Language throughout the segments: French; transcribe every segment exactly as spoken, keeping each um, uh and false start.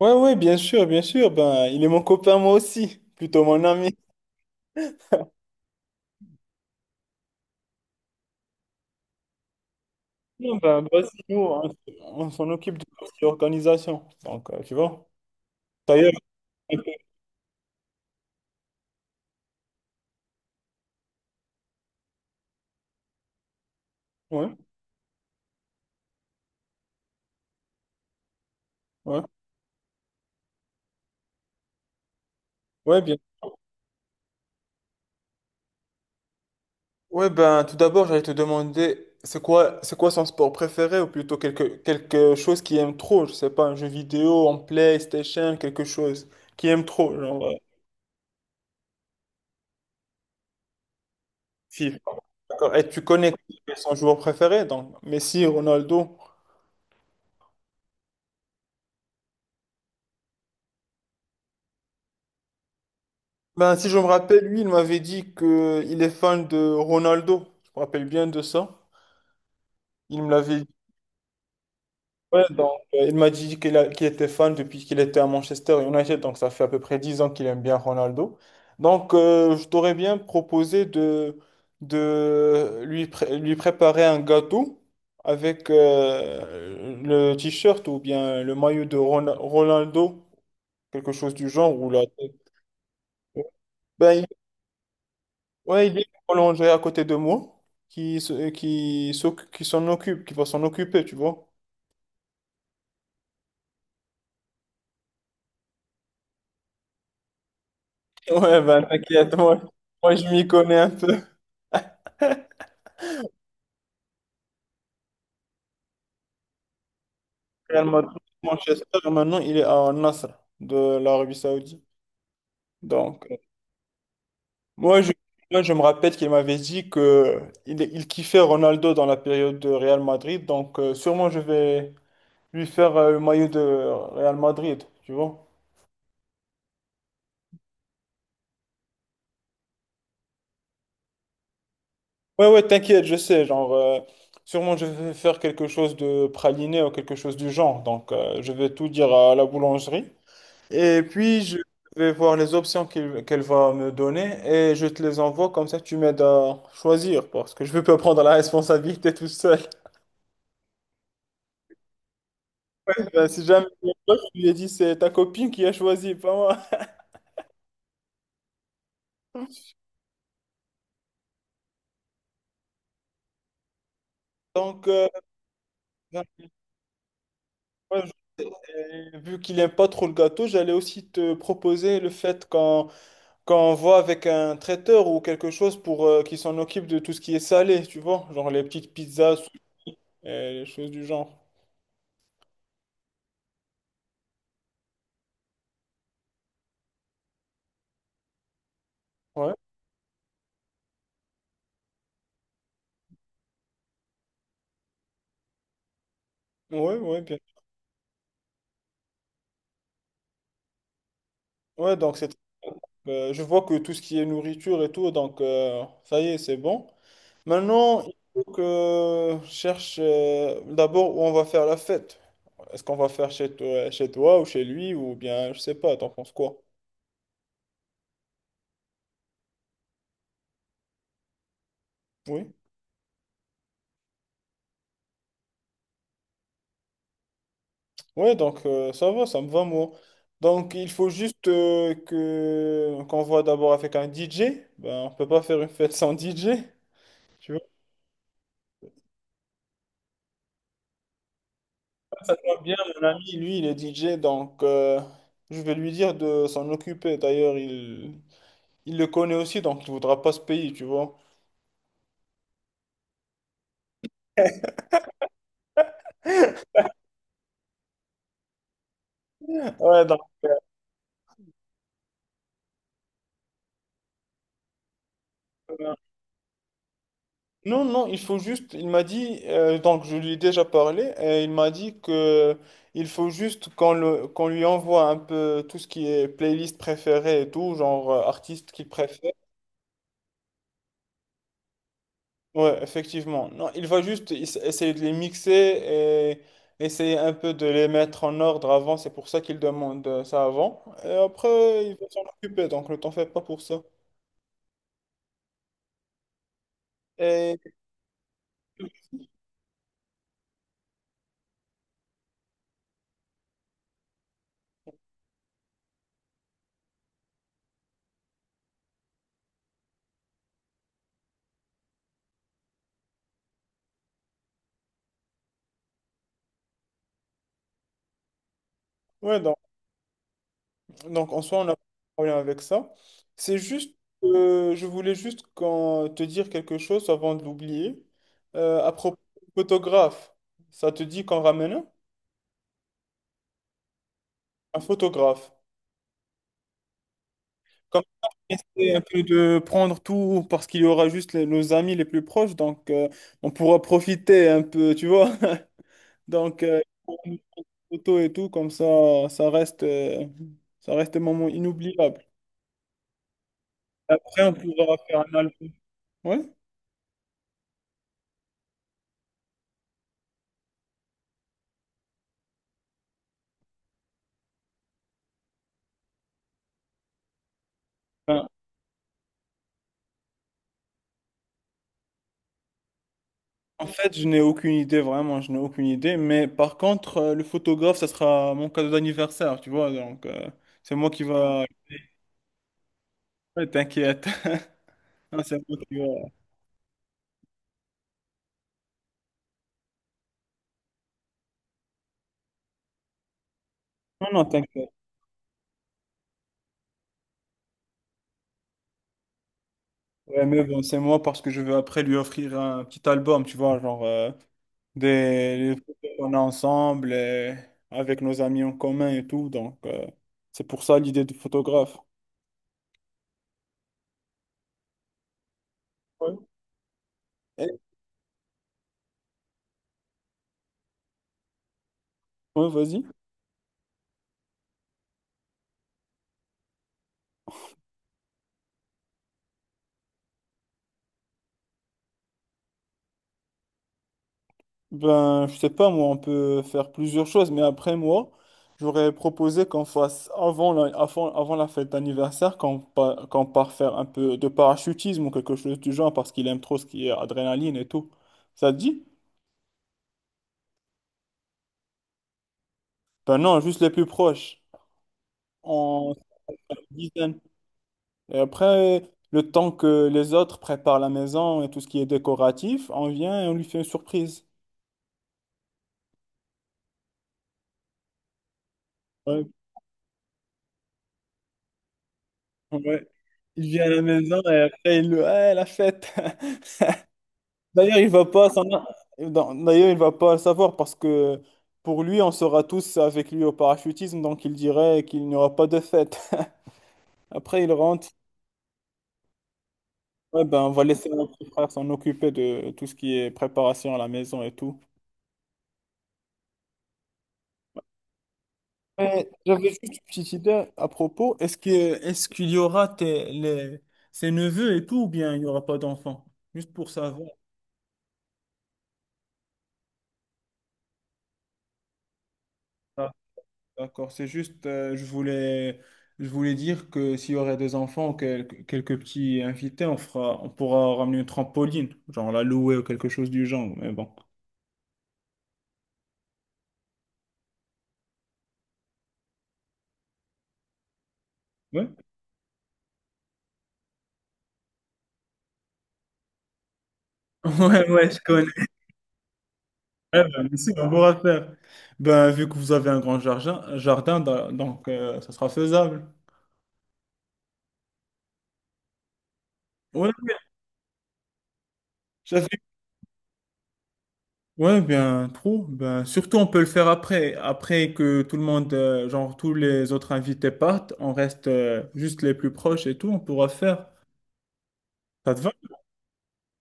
Ouais, ouais, bien sûr, bien sûr. Ben, il est mon copain, moi aussi. Plutôt mon ami. Non, ben, bah, c'est nous, on, on s'en occupe de l'organisation. Donc, euh, tu vois. D'ailleurs, ouais, ouais, ouais, bien. Ouais, ben, tout d'abord, j'allais te demander, c'est quoi, c'est quoi son sport préféré ou plutôt quelque, quelque chose qu'il aime trop, je sais pas, un jeu vidéo, en PlayStation, quelque chose qu'il aime trop, genre euh, FIFA. D'accord. Et tu connais son joueur préféré, donc Messi, Ronaldo. Ben, si je me rappelle, lui, il m'avait dit que il est fan de Ronaldo. Je me rappelle bien de ça. Il me l'avait dit. Ouais, donc, euh, il m'a dit qu'il a- qu'il était fan depuis qu'il était à Manchester United. Donc, ça fait à peu près dix ans qu'il aime bien Ronaldo. Donc, euh, je t'aurais bien proposé de, de lui, pré- lui préparer un gâteau avec euh, le t-shirt ou bien le maillot de Ron- Ronaldo, quelque chose du genre, ou la... Ben, ouais, il est prolongé à côté de moi, qui, se- euh, qui, s'oc- qui s'en occupe, qui va s'en occuper, tu vois. Ouais, ben t'inquiète, moi, moi je m'y connais un peu. Real Madrid, Manchester, maintenant il est à Al-Nassr de l'Arabie Saoudite. Donc, euh, moi je, moi, je me rappelle qu'il m'avait dit que il, il kiffait Ronaldo dans la période de Real Madrid, donc euh, sûrement je vais lui faire euh, le maillot de Real Madrid, tu vois. Ouais, ouais, t'inquiète, je sais. Genre, euh, sûrement, je vais faire quelque chose de praliné ou quelque chose du genre. Donc, euh, je vais tout dire à la boulangerie. Et puis, je vais voir les options qu'il- qu'elle va me donner et je te les envoie. Comme ça, tu m'aides à choisir parce que je veux pas prendre la responsabilité tout seul. Ben, si jamais je lui ai dit, c'est ta copine qui a choisi, pas moi. Donc, euh, ben, moi, je- euh, vu qu'il n'aime pas trop le gâteau, j'allais aussi te proposer le fait qu'on quand on voit avec un traiteur ou quelque chose pour euh, qui s'en occupe de tout ce qui est salé, tu vois, genre les petites pizzas, sushis, euh, les choses du genre. Ouais, ouais, ouais, bien. Ouais, donc c'est, euh, je vois que tout ce qui est nourriture et tout, donc euh, ça y est, c'est bon. Maintenant, il faut que je cherche euh, d'abord où on va faire la fête. Est-ce qu'on va faire chez toi, chez toi ou chez lui ou bien, je sais pas, t'en penses quoi? Oui. Ouais, donc euh, ça va, ça me va, moi. Donc il faut juste euh, que qu'on voit d'abord avec un D J. Ben, on peut pas faire une fête sans D J. Tu vois ça va bien, mon ami, lui, il est D J, donc euh, je vais lui dire de s'en occuper. D'ailleurs, il, il le connaît aussi, donc il voudra pas se payer, tu vois. Ouais, donc, euh, non, non, il faut juste, il m'a dit, euh, donc je lui ai déjà parlé, et il m'a dit que il faut juste qu'on le, qu'on lui envoie un peu tout ce qui est playlist préférée et tout, genre euh, artiste qu'il préfère. Ouais, effectivement. Non, il va juste ess- essayer de les mixer et essayer un peu de les mettre en ordre avant, c'est pour ça qu'il demande euh, ça avant. Et après, il va s'en occuper, donc ne t'en fais pas pour ça. Et ouais, donc. Donc, en soi, on n'a pas de problème avec ça. C'est juste, euh, je voulais juste qu'en- te dire quelque chose avant de l'oublier. Euh, à propos du photographe, ça te dit qu'en ramène un? Un photographe. Comme ça, on essaie un peu de prendre tout parce qu'il y aura juste les- nos amis les plus proches, donc euh, on pourra profiter un peu, tu vois. Donc, euh, pour une photo et tout, comme ça, ça reste, euh, ça reste un moment inoubliable. Après, on pourra faire un album. Ouais. En fait, je n'ai aucune idée, vraiment, je n'ai aucune idée. Mais par contre, euh, le photographe, ça sera mon cadeau d'anniversaire, tu vois. Donc, euh, c'est moi qui va. Ouais, t'inquiète. Non, c'est moi qui va. Non, non, t'inquiète. Ouais, mais bon, c'est moi parce que je veux après lui offrir un petit album, tu vois, genre euh, des les photos qu'on a ensemble et avec nos amis en commun et tout. Donc, euh, c'est pour ça l'idée de photographe. Ouais. Et- ouais, vas-y. Ben, je sais pas, moi, on peut faire plusieurs choses, mais après, moi, j'aurais proposé qu'on fasse avant la, avant, avant la fête d'anniversaire, qu'on pa- qu'on part faire un peu de parachutisme ou quelque chose du genre, parce qu'il aime trop ce qui est adrénaline et tout. Ça te dit? Ben non, juste les plus proches, en dizaine. Et après, le temps que les autres préparent la maison et tout ce qui est décoratif, on vient et on lui fait une surprise. Ouais, ouais. Il vient à la maison et après, il le... Ouais, la fête! D'ailleurs, il va pas s'en- D'ailleurs, il va pas le savoir parce que pour lui, on sera tous avec lui au parachutisme, donc il dirait qu'il n'y aura pas de fête. Après, il rentre. Ouais, ben, on va laisser mon petit frère s'en occuper de tout ce qui est préparation à la maison et tout. Mais j'avais juste une petite idée à propos. Est-ce que est-ce qu'il y aura tes- les- ses neveux et tout, ou bien il n'y aura pas d'enfants? Juste pour savoir. D'accord, c'est juste, euh, je voulais, je voulais dire que s'il y aurait des enfants, ou quel- quelques petits invités, on fera, on pourra ramener une trampoline, genre la louer ou quelque chose du genre, mais bon. Ouais, ouais, ouais, je connais. Ouais, ben, mais si, on pourra faire. Ben, vu que vous avez un grand jardin, jardin da- donc euh, ça sera faisable. Ouais, ouais, j'avais- ouais, bien trop. Ben, surtout, on peut le faire après. Après que tout le monde, euh, genre tous les autres invités partent, on reste euh, juste les plus proches et tout, on pourra faire. Ça te va?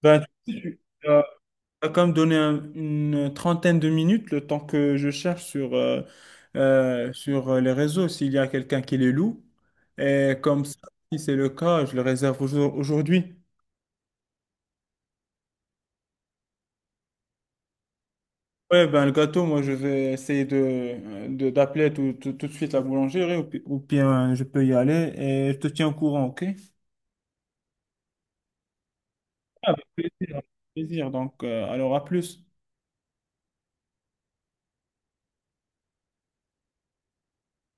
Ben, tu as quand même donné un- une trentaine de minutes le temps que je cherche sur, euh, euh, sur euh, les réseaux s'il y a quelqu'un qui les loue. Et comme ça, si c'est le cas, je le réserve aujourd- aujourd'hui. Ouais, ben le gâteau, moi je vais essayer de, de- d'appeler tout, tout, tout de suite la boulangerie ou, pi- ou bien je peux y aller et je te tiens au courant, ok? Ah, avec plaisir, avec plaisir. Donc, euh, alors à plus.